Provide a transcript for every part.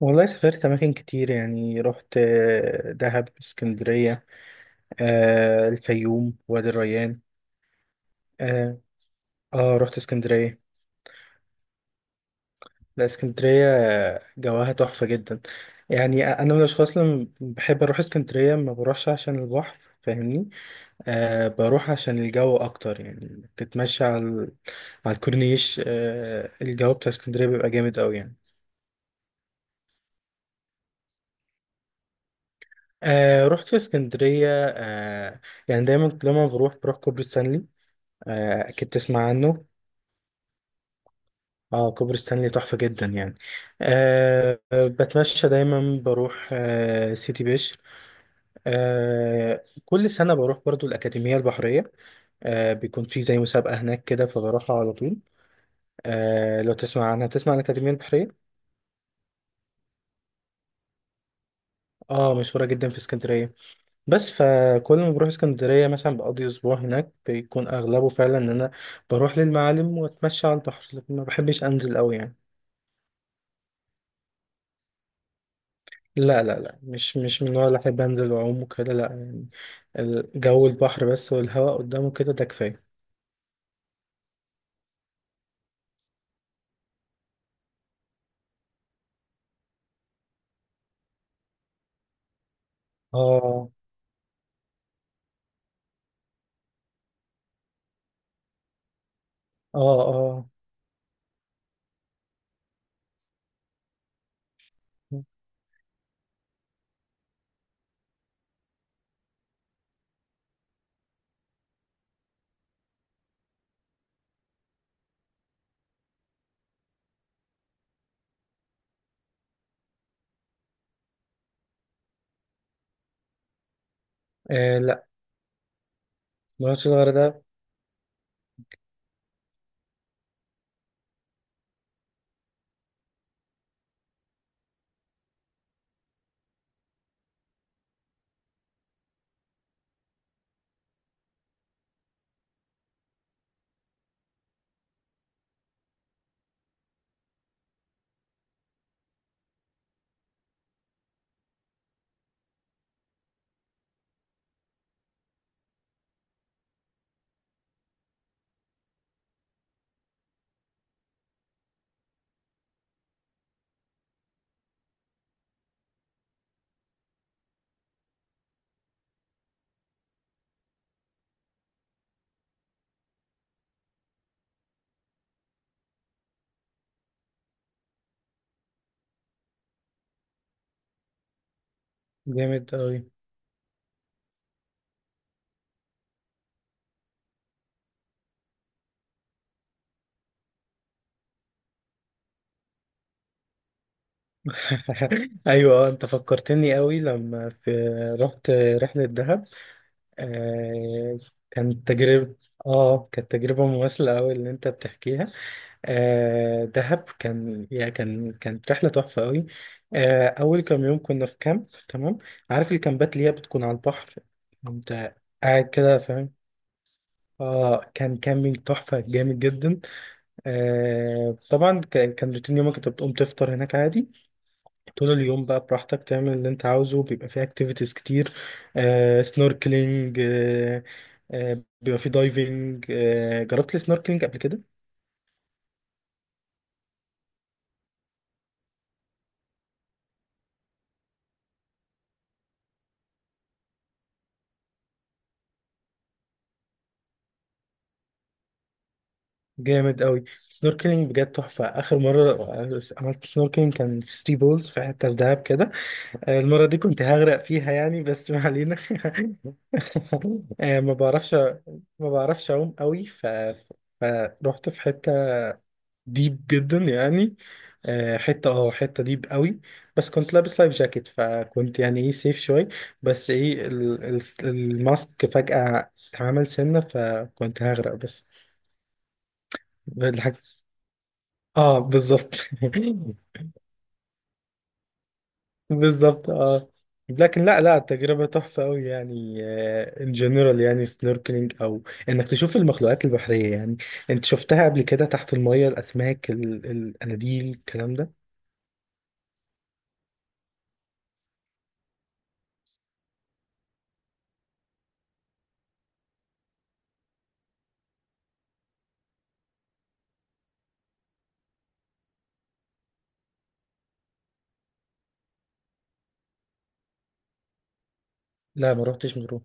والله سافرت أماكن كتير، يعني رحت دهب، اسكندرية، الفيوم، وادي الريان. اه. رحت اسكندرية. لا، اسكندرية جواها تحفة جدا. يعني أنا من الأشخاص اللي بحب أروح اسكندرية، ما بروحش عشان البحر، فاهمني؟ بروح عشان الجو أكتر، يعني تتمشى على على الكورنيش. الجو بتاع اسكندرية بيبقى جامد أوي يعني. أه رحت في اسكندرية، أه. يعني دايما لما بروح كوبري ستانلي. أكيد تسمع عنه. اه كوبري ستانلي تحفة جدا يعني. أه آه، بتمشى دايما، بروح سيتي بشر. كل سنة بروح برضو الأكاديمية البحرية. بيكون في زي مسابقة هناك كده، فبروحها على طول. لو تسمع عنها، تسمع عن الأكاديمية البحرية. اه، مشهورة جدا في اسكندرية. بس فكل ما بروح اسكندرية مثلا بقضي أسبوع هناك، بيكون أغلبه فعلا إن أنا بروح للمعالم وأتمشى على البحر، لكن ما بحبش أنزل أوي يعني. لا لا لا، مش من النوع اللي أحب أنزل وأعوم وكده، لا يعني. الجو البحر بس والهواء قدامه كده، ده كفاية. آه. آه. آه. آه. لا، مراتش الغردقة. جامد أوي. ايوه، انت فكرتني قوي لما في رحت رحله دهب. آه كانت تجربه. اه كانت تجربه مماثله قوي اللي انت بتحكيها. دهب كان يا كان، كانت رحلة تحفة قوي. أول كام يوم كنا في كامب، تمام. عارف الكامبات اللي هي بتكون على البحر؟ أنت قاعد كده، فاهم. اه كان كامبينج تحفة جامد جدا. طبعا كان روتين يومك انت بتقوم تفطر هناك عادي. طول اليوم بقى براحتك تعمل اللي انت عاوزه، بيبقى فيه اكتيفيتيز كتير. سنوركلينج، بيبقى فيه دايفنج. جربت السنوركلينج قبل كده؟ جامد قوي، سنوركلينج بجد تحفة. آخر مرة عملت سنوركلينج كان في ثري بولز في حتة في دهب كده. المرة دي كنت هغرق فيها يعني، بس ما علينا. آه، ما بعرفش ما بعرفش أعوم قوي، فروحت في حتة ديب جدا يعني. حتة، حتة ديب قوي. بس كنت لابس لايف جاكيت، فكنت يعني ايه سيف شوية. بس ايه الماسك فجأة اتعمل سنة، فكنت هغرق بس. الحاجة. اه بالظبط. بالظبط اه. لكن لا لا، التجربة تحفة أوي يعني. ان جنرال يعني، سنوركلينج أو إنك تشوف المخلوقات البحرية يعني. أنت شفتها قبل كده تحت المية، الأسماك، القناديل، الكلام ده. لا ما روحتش مطروح.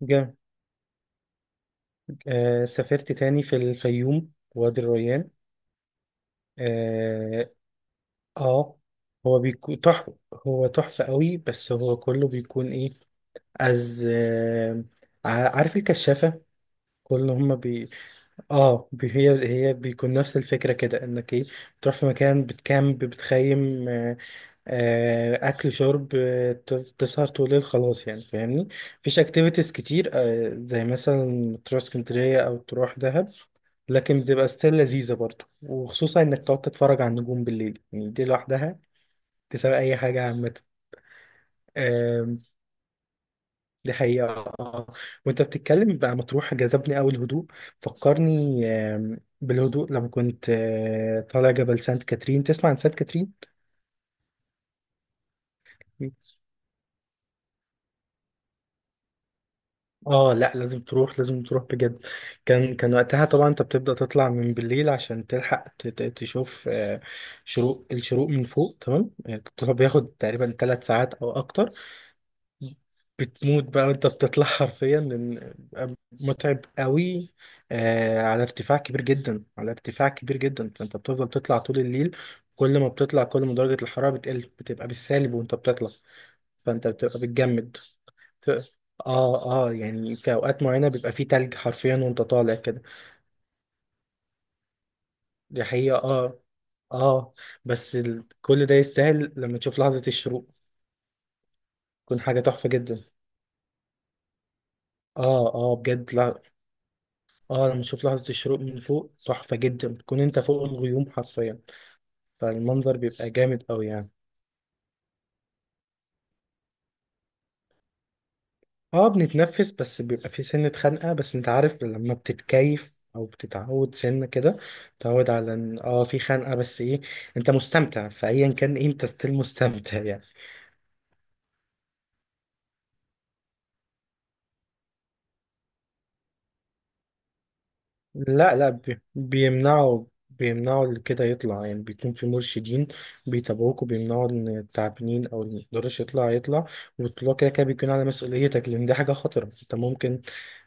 جامد. سافرت تاني في الفيوم، وادي الريان. آه. آه. هو بيكون تحفة، هو تحفة أوي، بس هو كله بيكون إيه، از آه عارف الكشافة. كل هما بي. هي بيكون نفس الفكره كده، انك ايه، بتروح في مكان، بتكامب، بتخيم. اكل شرب، تسهر طول الليل، خلاص يعني، فاهمني. مفيش اكتيفيتيز كتير زي مثلا تروح اسكندريه او تروح دهب. لكن بتبقى ستيل لذيذه برضه، وخصوصا انك تقعد تتفرج على النجوم بالليل، يعني دي لوحدها تساوي اي حاجه عامه. دي حقيقة. آه. وانت بتتكلم بقى مطروح جذبني أوي الهدوء. فكرني، بالهدوء لما كنت طالع جبل سانت كاترين. تسمع عن سانت كاترين؟ اه لا، لازم تروح، لازم تروح بجد. كان وقتها طبعا انت بتبدأ تطلع من بالليل عشان تلحق تشوف الشروق من فوق، تمام. الطلوع بياخد تقريبا 3 ساعات او اكتر. بتموت بقى وانت بتطلع حرفيا، لان بيبقى متعب قوي. على ارتفاع كبير جدا، على ارتفاع كبير جدا، فانت بتفضل تطلع طول الليل. كل ما بتطلع، كل ما درجة الحرارة بتقل، بتبقى بالسالب وانت بتطلع. فانت بتبقى بتجمد. ف- اه اه، يعني في اوقات معينة بيبقى فيه تلج حرفيا وانت طالع كده. دي حقيقة، اه. اه، بس كل ده يستاهل لما تشوف لحظة الشروق، تكون حاجة تحفة جدا. اه اه، بجد. اه، لما تشوف لحظة الشروق من فوق تحفة جدا، بتكون انت فوق الغيوم حرفيا. فالمنظر بيبقى جامد قوي يعني. اه بنتنفس، بس بيبقى في سنة خنقة، بس انت عارف لما بتتكيف او بتتعود سنة كده، تتعود على ان في خنقة، بس ايه، انت مستمتع، فايا كان إيه، انت ستيل مستمتع يعني. لا لا، بيمنعوا. بيمنعوا اللي كده يطلع، يعني بيكون في مرشدين بيتابعوك، وبيمنعوا ان التعبانين او اللي ميقدرش يطلع يطلع. والطلوع كده كده بيكون على مسؤوليتك، لان دي حاجة خطرة. انت ممكن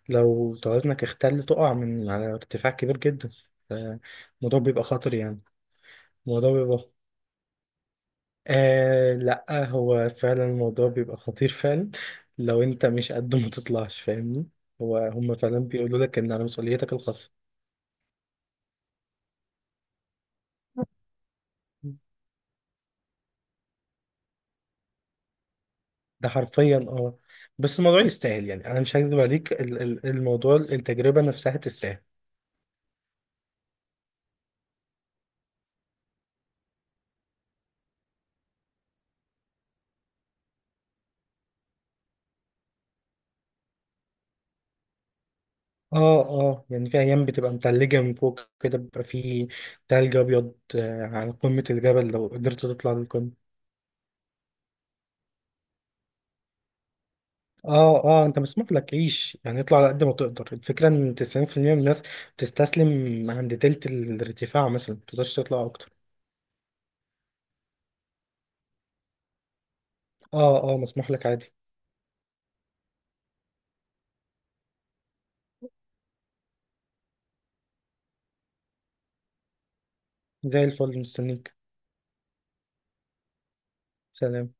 لو توازنك اختل تقع من على ارتفاع كبير جدا. ف- الموضوع بيبقى خطر يعني. الموضوع بيبقى لا، هو فعلا الموضوع بيبقى خطير فعلا. لو انت مش قد ما تطلعش، فاهمني. هو هم فعلا بيقولوا لك ان على مسؤوليتك الخاصة. ده حرفيا، اه. بس الموضوع يستاهل، يعني انا مش هكذب عليك، الموضوع، التجربة نفسها تستاهل. اه اه، يعني في ايام بتبقى متلجة من فوق كده، بيبقى في تلج ابيض على قمة الجبل لو قدرت تطلع للقمة. اه اه، انت مسموح لك تعيش يعني، اطلع على قد ما تقدر. الفكره ان 90% من الناس بتستسلم عند تلت الارتفاع مثلا، ما تقدرش تطلع اكتر. اه اه، مسموح لك عادي. زي الفل، مستنيك. سلام.